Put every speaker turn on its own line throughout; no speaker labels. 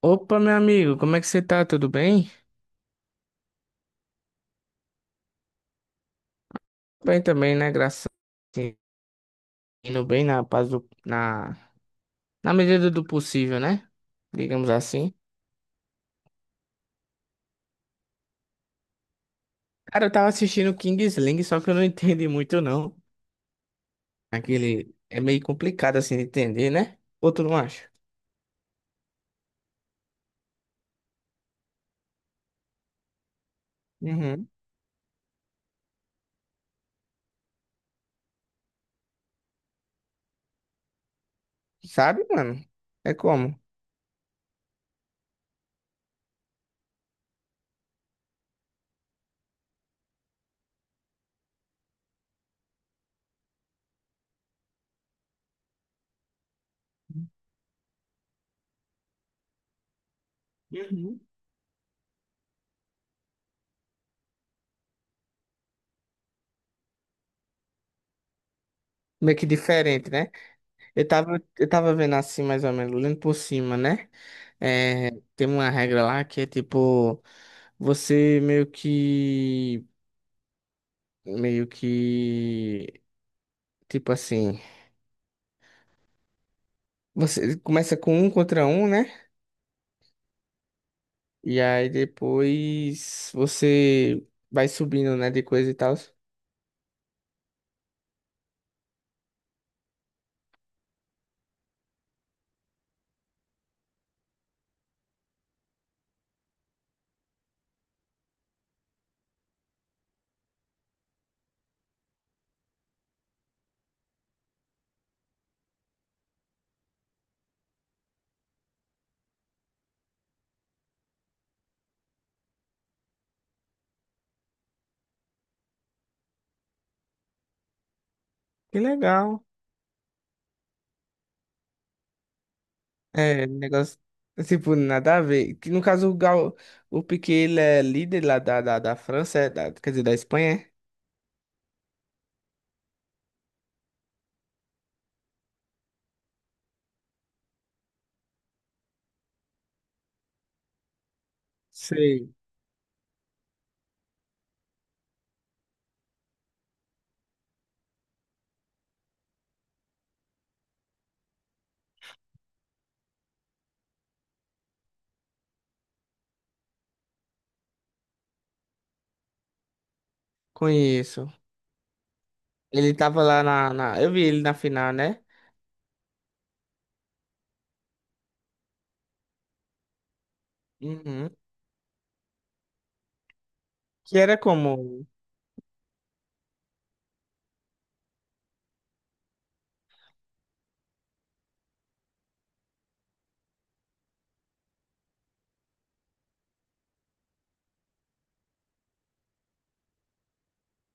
Opa, meu amigo, como é que você tá? Tudo bem? Bem também, né? Graças a Deus. Indo bem na paz na medida do possível, né? Digamos assim. Cara, eu tava assistindo King Sling, só que eu não entendi muito, não. Aquele é meio complicado assim de entender, né? Ou tu não acha? Uhum. Sabe, mano? É como? Uhum. Meio que diferente, né? Eu tava vendo assim, mais ou menos, lendo por cima, né? É, tem uma regra lá que é tipo, você meio que tipo assim, você começa com um contra um, né? E aí depois você vai subindo, né, de coisa e tal. Que legal. É, negócio tipo nada a ver. Que no caso o Piquet ele é líder lá da França, quer dizer, da Espanha, é? Sei. Conheço. Ele tava lá eu vi ele na final, né? Uhum. Que era como?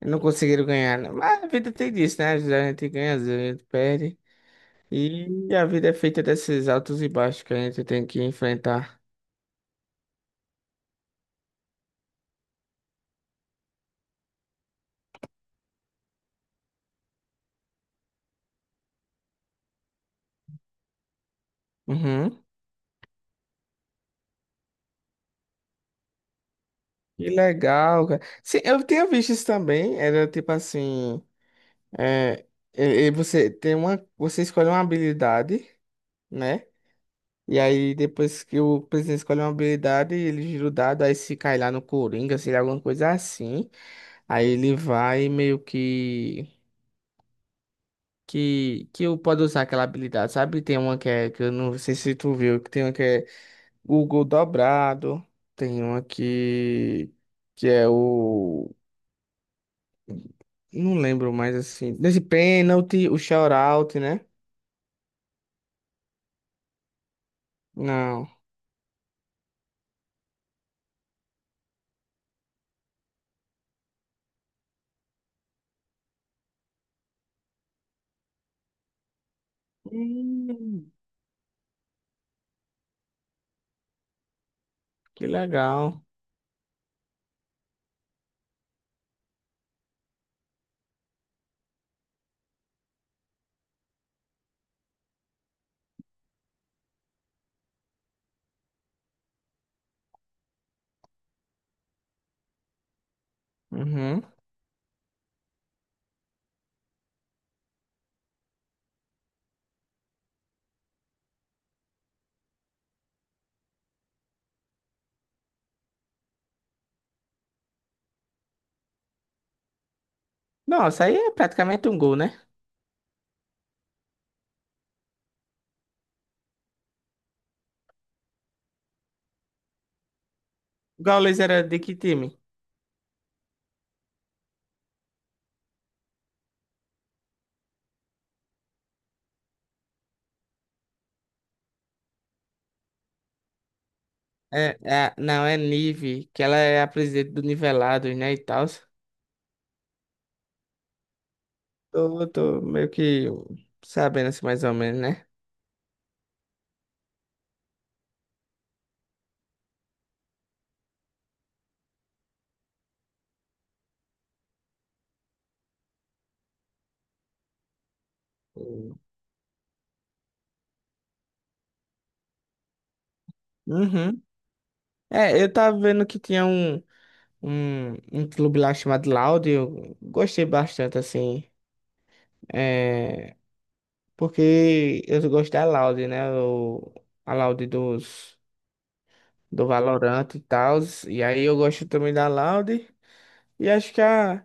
Não conseguiram ganhar, né? Mas a vida tem disso, né? Às vezes a gente ganha, às vezes a gente perde. E a vida é feita desses altos e baixos que a gente tem que enfrentar. Uhum. Que legal, cara. Sim, eu tinha visto isso também. Era tipo assim. É, e você tem uma. Você escolhe uma habilidade, né? E aí, depois que o presidente escolhe uma habilidade, ele gira o dado, aí se cai lá no Coringa, se ele alguma coisa assim. Aí ele vai meio que eu pode usar aquela habilidade, sabe? Tem uma que é, que eu não sei se tu viu, que tem uma que é o gol dobrado, tem uma que é o, não lembro mais assim, desse pênalti, o shout-out, né? Não. Hum, que legal. Uhum. Nossa, aí é praticamente um gol, né? O Gaules era de que time? É, não, é Nive, que ela é a presidente do Nivelados, né, e tal. Tô meio que sabendo assim, mais ou menos, né? Uhum. É, eu tava vendo que tinha um clube lá chamado Loud, eu gostei bastante, assim, é, porque eu gosto da Loud, né, a Loud do Valorant e tal, e aí eu gosto também da Loud, e acho que a,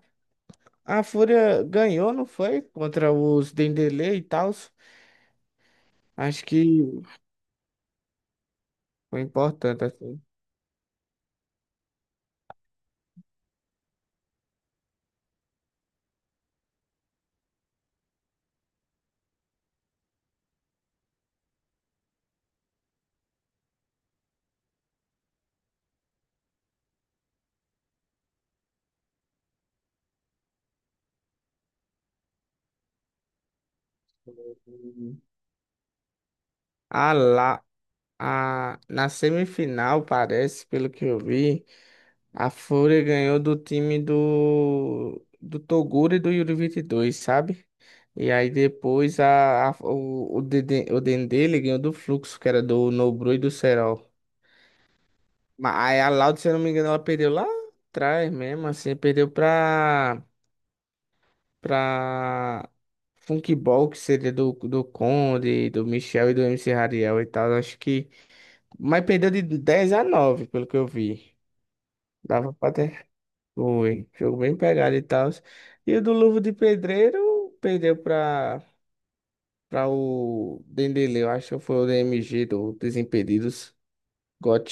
a Fúria ganhou, não foi? Contra os Dendele e tal, acho que foi importante, assim. A, Na semifinal, parece, pelo que eu vi, a Fúria ganhou do time do Toguro e do Yuri 22, sabe? E aí depois o Dendele ganhou do Fluxo, que era do Nobru e do Serol. Mas aí a Loud, se eu não me engano, ela perdeu lá atrás mesmo, assim, perdeu pra Funkball, que seria do Conde, do Michel e do MC Rariel e tal. Acho que. Mas perdeu de 10-9 pelo que eu vi. Dava pra ter. Foi. Jogo bem pegado e tal. E o do Luvo de Pedreiro perdeu pra o Dendele. Eu acho que foi o DMG do Desimpedidos. GOT.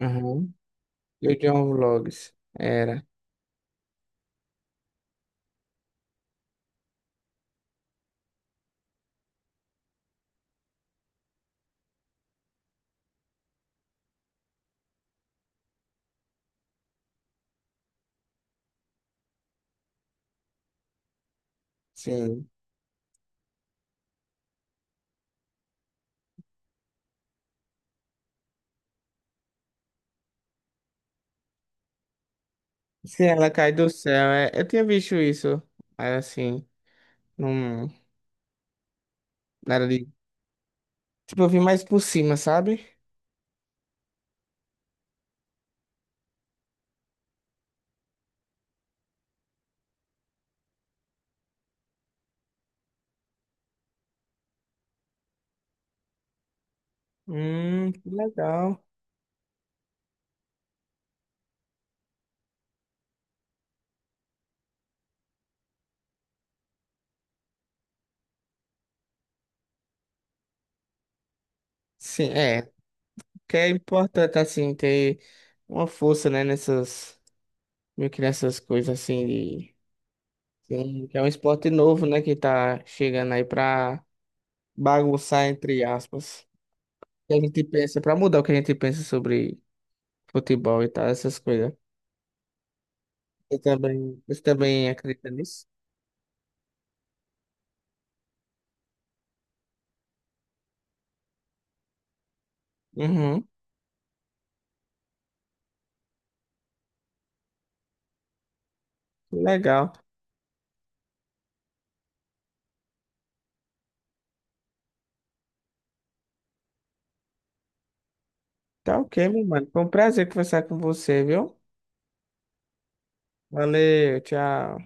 Uhum. E o John Vlogs. Era. Sim. Se ela cai do céu. É. Eu tinha visto isso. Mas assim, não. Nada de. Tipo, eu vi mais por cima, sabe? Que legal. Sim, é. Que é importante, assim, ter uma força, né, nessas. Meio que nessas coisas assim de. Sim, que é um esporte novo, né? Que tá chegando aí pra bagunçar, entre aspas. Que a gente pensa, pra mudar o que a gente pensa sobre futebol e tal, essas coisas. Você também acredita nisso? Uhum, legal. Tá ok, meu mano. Foi um prazer conversar com você, viu? Valeu, tchau.